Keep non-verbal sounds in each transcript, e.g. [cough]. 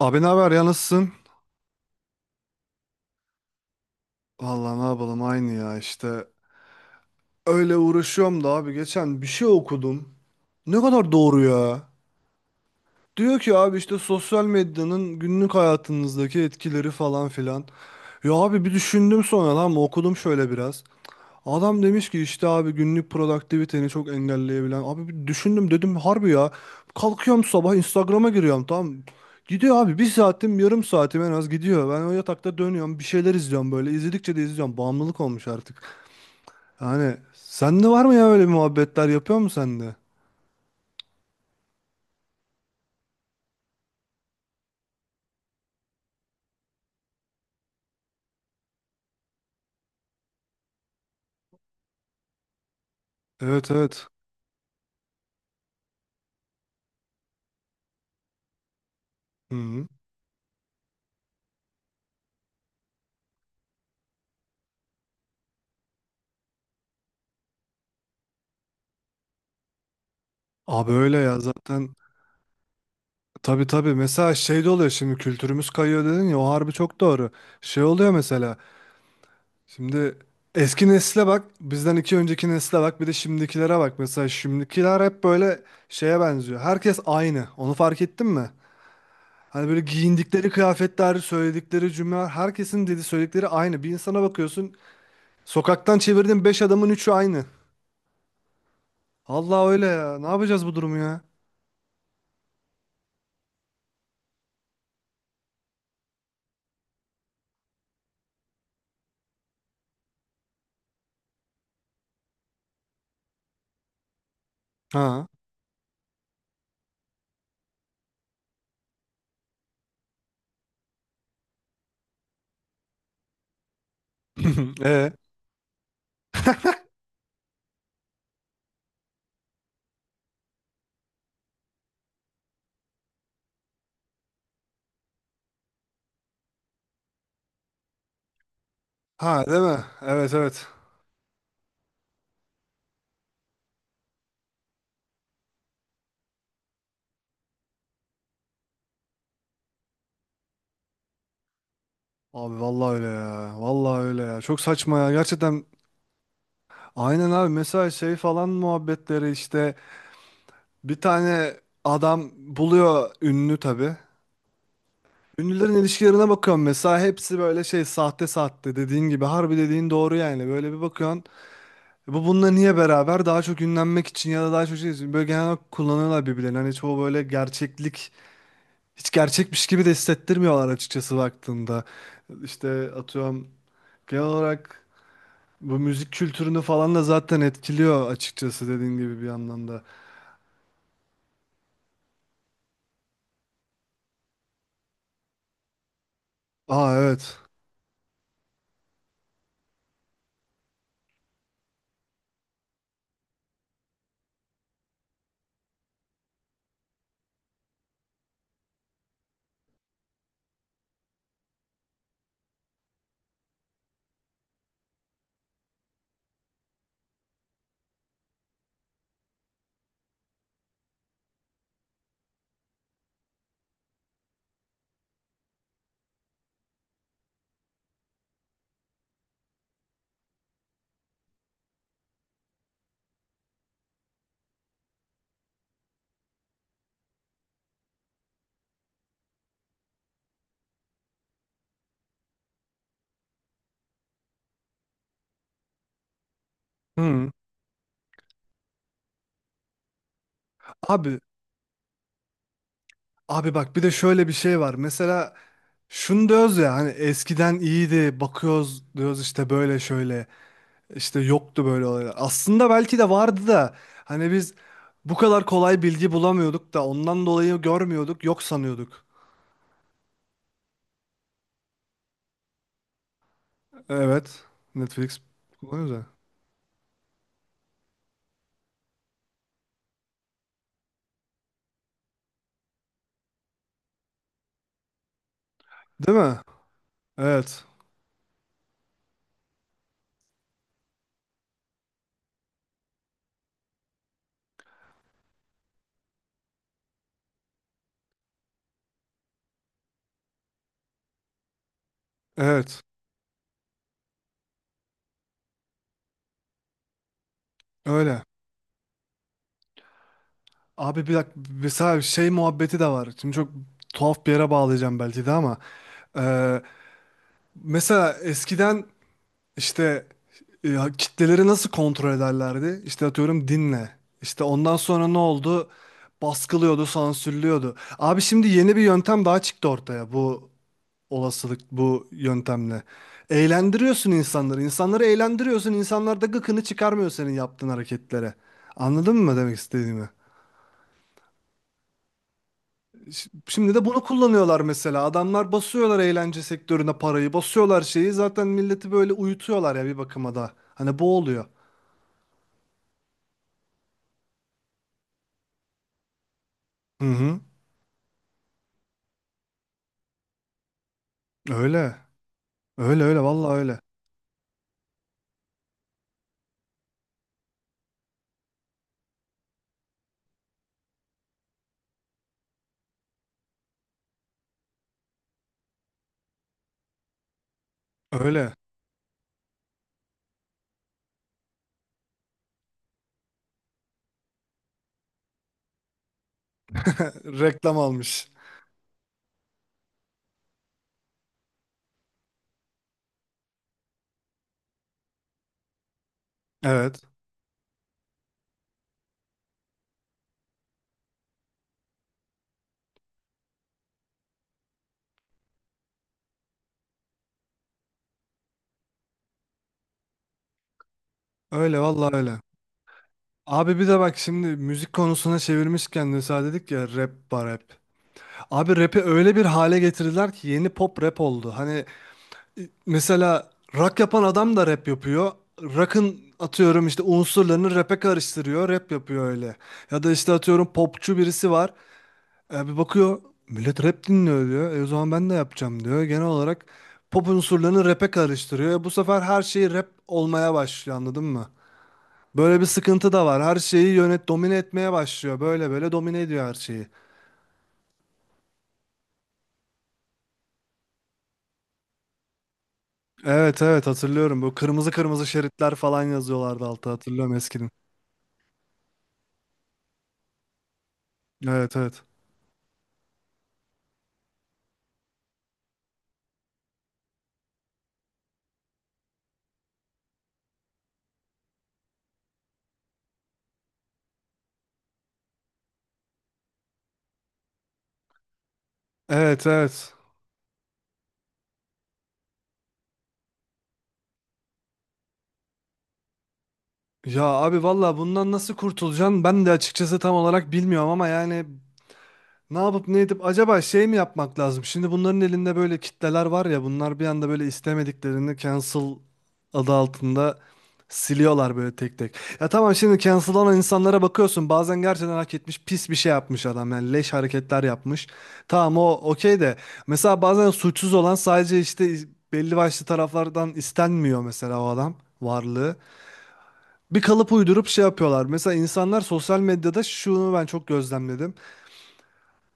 Abi ne haber ya, nasılsın? Vallahi ne yapalım, aynı ya işte. Öyle uğraşıyorum da abi, geçen bir şey okudum. Ne kadar doğru ya. Diyor ki abi, işte sosyal medyanın günlük hayatınızdaki etkileri falan filan. Ya abi bir düşündüm, sonra lan okudum şöyle biraz. Adam demiş ki işte abi, günlük produktiviteni çok engelleyebilen. Abi bir düşündüm, dedim harbi ya. Kalkıyorum sabah, Instagram'a giriyorum, tamam. Gidiyor abi, bir saatim yarım saatim en az gidiyor. Ben o yatakta dönüyorum, bir şeyler izliyorum böyle. İzledikçe de izliyorum. Bağımlılık olmuş artık. Yani sende var mı ya, öyle bir muhabbetler yapıyor musun sen de? Evet, evet. Hı hı. Abi öyle ya zaten. Tabii tabii, mesela şey de oluyor, şimdi kültürümüz kayıyor dedin ya, o harbi çok doğru. Şey oluyor mesela. Şimdi eski nesle bak, bizden iki önceki nesle bak, bir de şimdikilere bak. Mesela şimdikiler hep böyle şeye benziyor. Herkes aynı. Onu fark ettin mi? Hani böyle giyindikleri kıyafetler, söyledikleri cümleler, herkesin dedi söyledikleri aynı. Bir insana bakıyorsun, sokaktan çevirdiğin beş adamın üçü aynı. Allah öyle ya. Ne yapacağız bu durumu ya? Ha. [laughs] E. Ha, değil mi? Evet, evet. Abi vallahi öyle ya. Vallahi öyle ya. Çok saçma ya. Gerçekten aynen abi. Mesela şey falan muhabbetleri işte, bir tane adam buluyor ünlü tabii. Ünlülerin ilişkilerine bakıyorum mesela, hepsi böyle şey, sahte sahte, dediğin gibi harbi, dediğin doğru yani. Böyle bir bakıyorsun, e bu bununla niye beraber? Daha çok ünlenmek için ya da daha çok şey için böyle genel olarak kullanıyorlar birbirlerini. Hani çoğu böyle gerçeklik, hiç gerçekmiş gibi de hissettirmiyorlar açıkçası baktığında. İşte atıyorum, genel olarak bu müzik kültürünü falan da zaten etkiliyor açıkçası, dediğin gibi bir anlamda. Aa, evet. Hı. Abi. Bak bir de şöyle bir şey var. Mesela şunu diyoruz ya, hani eskiden iyiydi, bakıyoruz diyoruz işte böyle şöyle, işte yoktu böyle olaylar. Aslında belki de vardı da hani biz bu kadar kolay bilgi bulamıyorduk da ondan dolayı görmüyorduk, yok sanıyorduk. Evet, Netflix kullanıyoruz ya. Değil mi? Evet. Evet. Öyle. Abi bir dakika, mesela şey muhabbeti de var. Şimdi çok tuhaf bir yere bağlayacağım belki de ama. eee, mesela eskiden, İşte kitleleri nasıl kontrol ederlerdi? İşte atıyorum, dinle. İşte ondan sonra ne oldu? Baskılıyordu, sansürlüyordu. Abi şimdi yeni bir yöntem daha çıktı ortaya, bu olasılık, bu yöntemle. Eğlendiriyorsun insanları. İnsanları eğlendiriyorsun. İnsanlar da gıkını çıkarmıyor senin yaptığın hareketlere. Anladın mı demek istediğimi? Şimdi de bunu kullanıyorlar mesela. Adamlar basıyorlar eğlence sektörüne parayı, basıyorlar şeyi. Zaten milleti böyle uyutuyorlar ya bir bakıma da. Hani bu oluyor. Hı hı. Öyle. Öyle öyle vallahi öyle. Öyle. [laughs] Reklam almış. Evet. Öyle vallahi öyle. Abi bir de bak, şimdi müzik konusuna çevirmişken de sen, dedik ya rap var rap. Abi rap'i öyle bir hale getirdiler ki, yeni pop rap oldu. Hani mesela rock yapan adam da rap yapıyor. Rock'ın atıyorum işte unsurlarını rap'e karıştırıyor, rap yapıyor öyle. Ya da işte atıyorum, popçu birisi var. E, bir bakıyor, millet rap dinliyor diyor. E, o zaman ben de yapacağım diyor. Genel olarak pop unsurlarını rap'e karıştırıyor. E, bu sefer her şey rap olmaya başlıyor, anladın mı? Böyle bir sıkıntı da var. Her şeyi yönet, domine etmeye başlıyor. Böyle böyle domine ediyor her şeyi. Evet evet hatırlıyorum. Bu kırmızı kırmızı şeritler falan yazıyorlardı altta, hatırlıyorum eskiden. Evet, evet. Evet, evet. Ya abi valla bundan nasıl kurtulacaksın? Ben de açıkçası tam olarak bilmiyorum ama yani ne yapıp ne edip acaba şey mi yapmak lazım? Şimdi bunların elinde böyle kitleler var ya, bunlar bir anda böyle istemediklerini cancel adı altında siliyorlar böyle tek tek. Ya tamam, şimdi cancel olan insanlara bakıyorsun bazen gerçekten hak etmiş, pis bir şey yapmış adam, yani leş hareketler yapmış. Tamam, o okey de mesela bazen suçsuz olan sadece işte belli başlı taraflardan istenmiyor, mesela o adam, varlığı. Bir kalıp uydurup şey yapıyorlar. Mesela insanlar sosyal medyada şunu ben çok gözlemledim,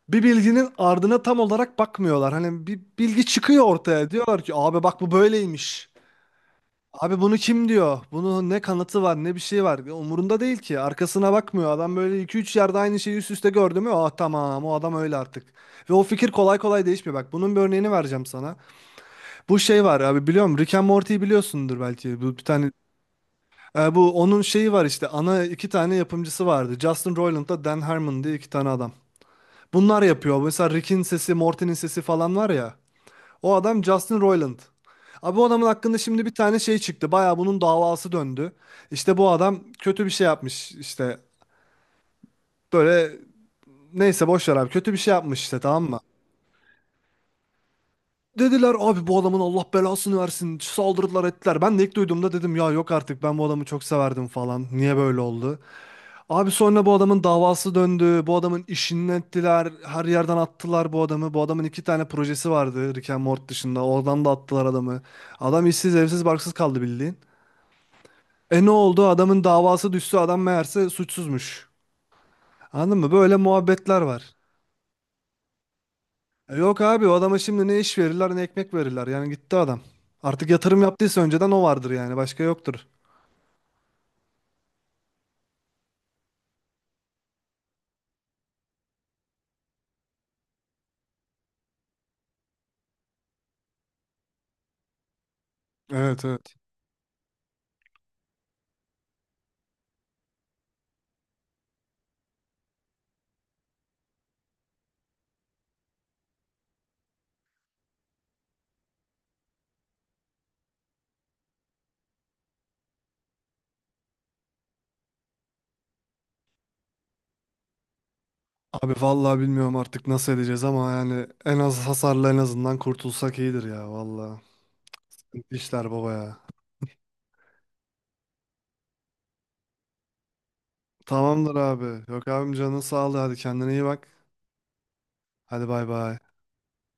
bir bilginin ardına tam olarak bakmıyorlar. Hani bir bilgi çıkıyor ortaya. Diyorlar ki abi bak, bu böyleymiş. Abi bunu kim diyor? Bunun ne kanıtı var ne bir şey var. Umurunda değil ki. Arkasına bakmıyor. Adam böyle iki üç yerde aynı şeyi üst üste gördü mü? Ah tamam, o adam öyle artık. Ve o fikir kolay kolay değişmiyor. Bak bunun bir örneğini vereceğim sana. Bu şey var abi, biliyorum Rick and Morty'yi biliyorsundur belki. Bu bir tane bu onun şeyi var işte, ana iki tane yapımcısı vardı. Justin Roiland'da Dan Harmon diye iki tane adam. Bunlar yapıyor. Mesela Rick'in sesi, Morty'nin sesi falan var ya. O adam Justin Roiland. Abi bu adamın hakkında şimdi bir tane şey çıktı. Baya bunun davası döndü. İşte bu adam kötü bir şey yapmış. İşte böyle, neyse boş ver abi. Kötü bir şey yapmış işte, tamam mı? Dediler abi bu adamın Allah belasını versin. Saldırdılar, ettiler. Ben de ilk duyduğumda dedim ya, yok artık, ben bu adamı çok severdim falan. Niye böyle oldu? Abi sonra bu adamın davası döndü. Bu adamın işini ettiler. Her yerden attılar bu adamı. Bu adamın iki tane projesi vardı Rick and Morty dışında. Oradan da attılar adamı. Adam işsiz, evsiz, barksız kaldı bildiğin. E ne oldu? Adamın davası düştü. Adam meğerse suçsuzmuş. Anladın mı? Böyle muhabbetler var. E yok abi, o adama şimdi ne iş verirler ne ekmek verirler. Yani gitti adam. Artık yatırım yaptıysa önceden o vardır yani. Başka yoktur. Evet, evet. Abi vallahi bilmiyorum artık nasıl edeceğiz ama yani en az hasarla en azından kurtulsak iyidir ya vallahi. İşler baba ya. Tamamdır abi. Yok abim, canın sağlığı. Hadi kendine iyi bak. Hadi bay bay.